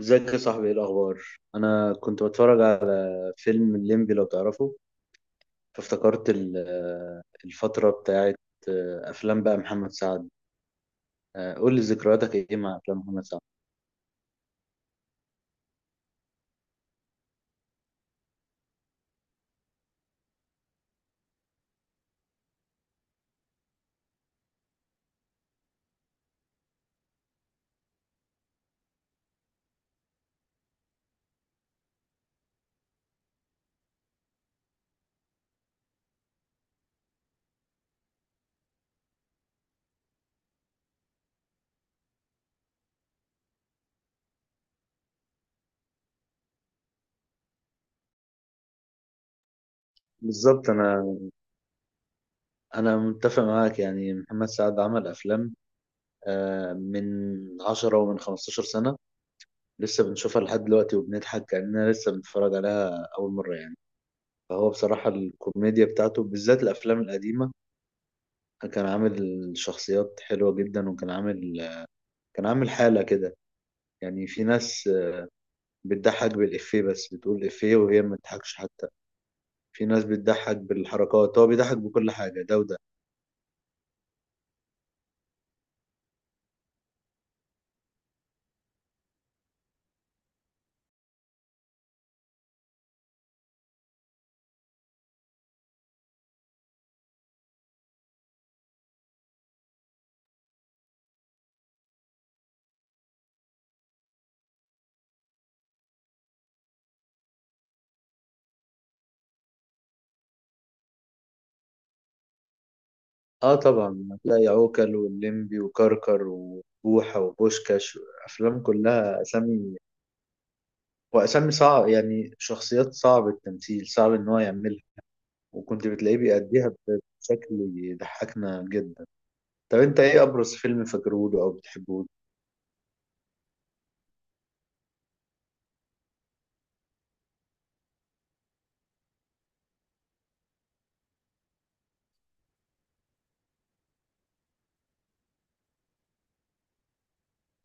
ازيك يا صاحبي، ايه الاخبار؟ انا كنت بتفرج على فيلم الليمبي لو تعرفه. فافتكرت الفتره بتاعت افلام بقى محمد سعد. قول لي ذكرياتك ايه مع افلام محمد سعد؟ بالظبط، انا متفق معاك. يعني محمد سعد عمل افلام من 10 ومن 15 سنه، لسه بنشوفها لحد دلوقتي وبنضحك كاننا لسه بنتفرج عليها اول مره يعني. فهو بصراحه الكوميديا بتاعته بالذات الافلام القديمه، كان عامل شخصيات حلوة جدا، وكان عامل حالة كده. يعني في ناس بتضحك بالإفيه، بس بتقول إفيه وهي ما بتضحكش حتى. في ناس بتضحك بالحركات، هو بيضحك بكل حاجة، ده وده. اه طبعا، هتلاقي عوكل واللمبي وكركر وبوحة وبوشكاش، أفلام كلها أسامي. وأسامي صعب، يعني شخصيات صعب التمثيل، صعب إن هو يعملها، وكنت بتلاقيه بيأديها بشكل يضحكنا جدا. طب أنت إيه أبرز فيلم فاكرهوله أو بتحبه؟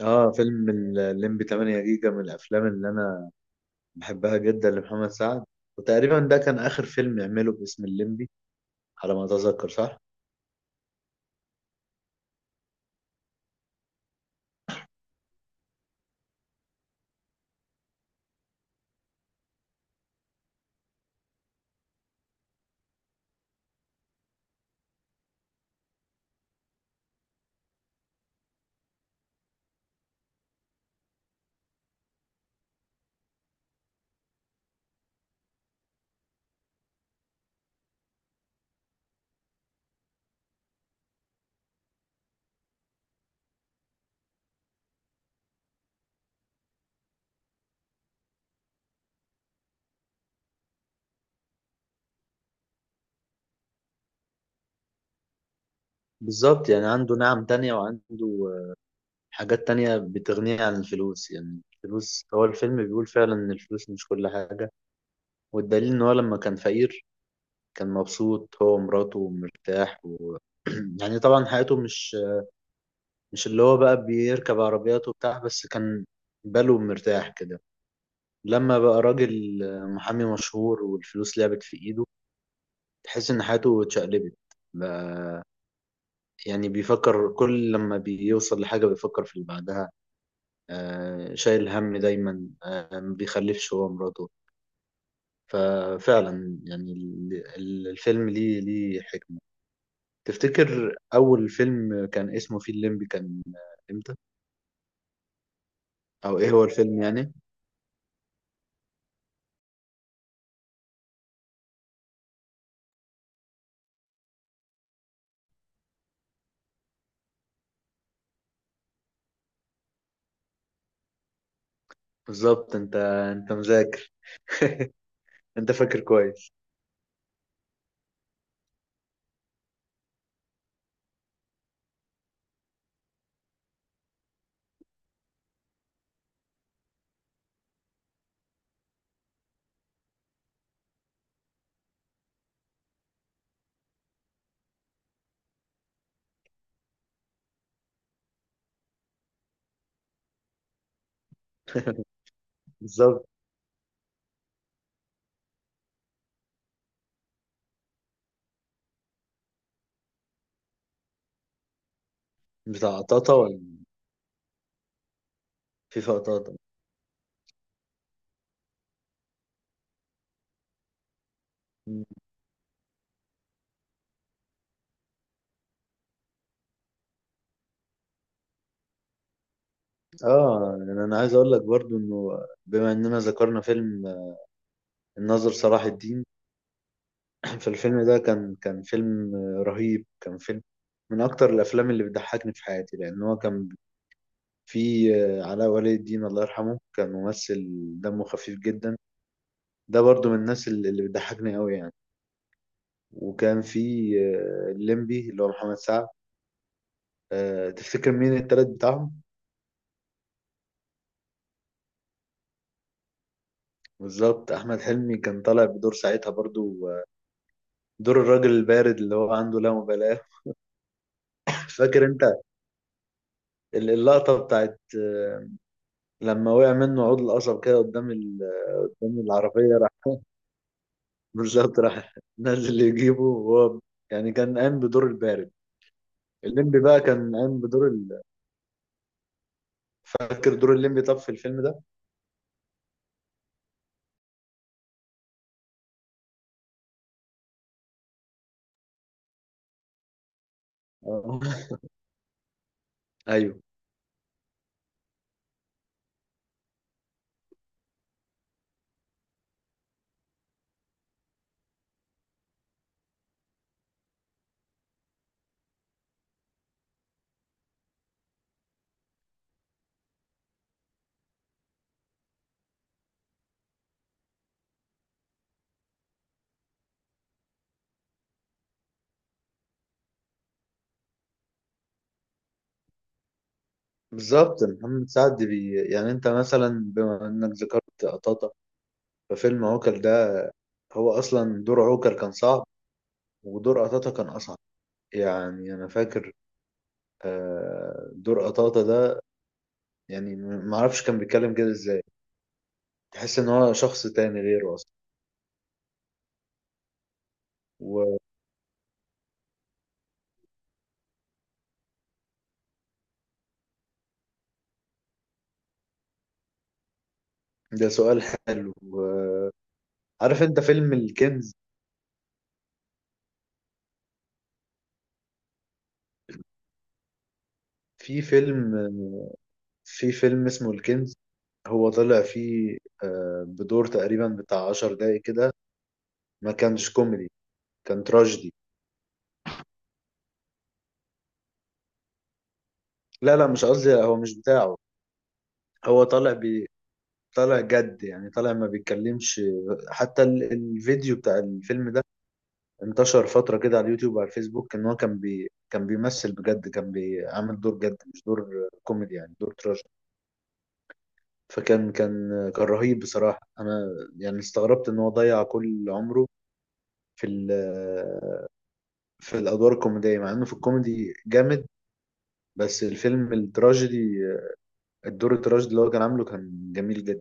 اه، فيلم الليمبي 8 جيجا من الافلام اللي انا بحبها جدا لمحمد سعد، وتقريبا ده كان آخر فيلم يعمله باسم الليمبي على ما أتذكر، صح؟ بالظبط، يعني عنده نعم تانية وعنده حاجات تانية بتغنيه عن الفلوس. يعني الفلوس، هو الفيلم بيقول فعلا إن الفلوس مش كل حاجة، والدليل إن هو لما كان فقير كان مبسوط هو ومراته ومرتاح. و... يعني طبعا حياته مش اللي هو بقى بيركب عربيات وبتاع، بس كان باله مرتاح كده. لما بقى راجل محامي مشهور والفلوس لعبت في إيده، تحس ان حياته اتشقلبت. بقى- يعني بيفكر، كل لما بيوصل لحاجة بيفكر في اللي بعدها، شايل هم دايما، ما بيخلفش هو مراته. ففعلا يعني الفيلم ليه حكمة. تفتكر أول فيلم كان اسمه فيه الليمبي كان امتى؟ أو ايه هو الفيلم يعني؟ بالظبط، انت مذاكر، انت فاكر كويس. بالظبط، بتاع قطاطا ولا في قطاطا؟ اه، يعني انا عايز اقول لك برضو انه بما اننا ذكرنا فيلم الناظر صلاح الدين، فالفيلم ده كان فيلم رهيب، كان فيلم من أكتر الأفلام اللي بتضحكني في حياتي. لأن هو كان فيه علاء ولي الدين، الله يرحمه، كان ممثل دمه خفيف جدا، ده برضو من الناس اللي بتضحكني أوي يعني. وكان فيه الليمبي اللي هو محمد سعد. تفتكر مين التالت بتاعهم؟ بالظبط، أحمد حلمي كان طالع بدور ساعتها برضو دور الراجل البارد، اللي هو عنده لا مبالاة. فاكر أنت اللقطة بتاعت لما وقع منه عود القصب كده قدام ال... قدام العربية راح؟ بالظبط، راح نازل يجيبه وهو، يعني كان قام بدور البارد، الليمبي بقى كان قام بدور ال... فاكر دور الليمبي طب في الفيلم ده؟ آه. ايوه، بالظبط. محمد سعد يعني انت مثلا، بما انك ذكرت قطاطا، ففيلم عوكل ده هو اصلا دور عوكل كان صعب، ودور قطاطا كان اصعب. يعني انا فاكر دور قطاطا ده، يعني معرفش كان بيتكلم كده ازاي. تحس ان هو شخص تاني غيره. وده سؤال حلو. عارف انت فيلم الكنز؟ في فيلم في فيلم اسمه الكنز، هو طلع فيه بدور تقريبا بتاع عشر دقايق كده. ما كانش كوميدي، كان تراجيدي. لا لا، مش قصدي، هو مش بتاعه. هو طالع جد، يعني طالع ما بيتكلمش. حتى الفيديو بتاع الفيلم ده انتشر فترة كده على اليوتيوب وعلى الفيسبوك، ان هو كان بيمثل بجد، كان بيعمل دور جد، مش دور كوميدي، يعني دور تراجيدي. فكان كان كان رهيب بصراحة. أنا يعني استغربت إن هو ضيع كل عمره في ال- في الأدوار الكوميدية، مع إنه في الكوميدي جامد. بس الفيلم التراجيدي، الدور التراجيدي اللي هو كان عامله، كان جميل جدا.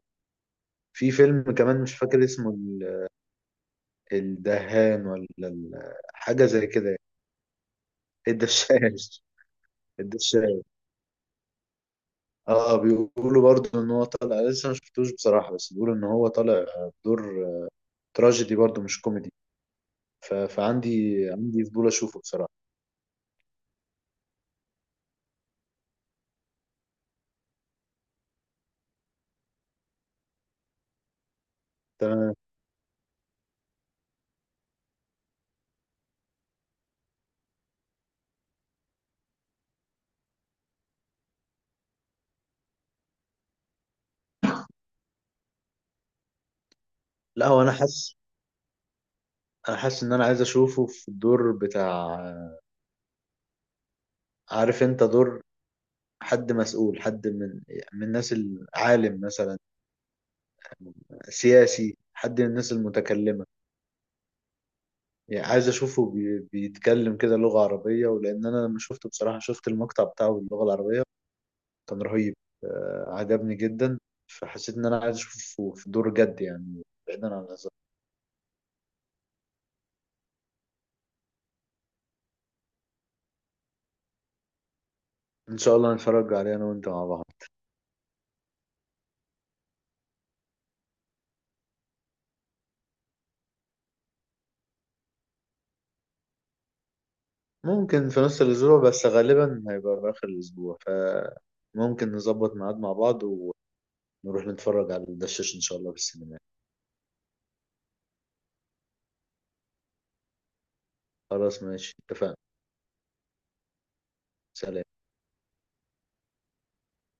في فيلم كمان مش فاكر اسمه، الدهان ولا حاجة زي كده، الدشاش. الدشاش، اه. بيقولوا برضه ان هو طالع، لسه ما شفتوش بصراحة، بس بيقولوا ان هو طالع دور تراجيدي برضه، مش كوميدي. ف... فعندي عندي فضول اشوفه بصراحة. تمام. لا، هو انا حاسس ان انا عايز اشوفه في الدور بتاع، عارف انت دور حد مسؤول، حد من الناس العالم مثلا، سياسي، حد من الناس المتكلمة. يعني عايز اشوفه بيتكلم كده لغة عربية. ولان انا لما شفته بصراحة، شفت المقطع بتاعه باللغة العربية، كان رهيب، عجبني جدا. فحسيت ان انا عايز اشوفه في دور جد يعني، بعيدا عن الهزار. ان شاء الله نتفرج عليه انا وانت مع بعض. ممكن في نص الأسبوع، بس غالبا هيبقى في آخر الأسبوع، فممكن نظبط ميعاد مع بعض ونروح نتفرج على الدشاش إن شاء الله في السينما. خلاص، ماشي، اتفقنا. سلام.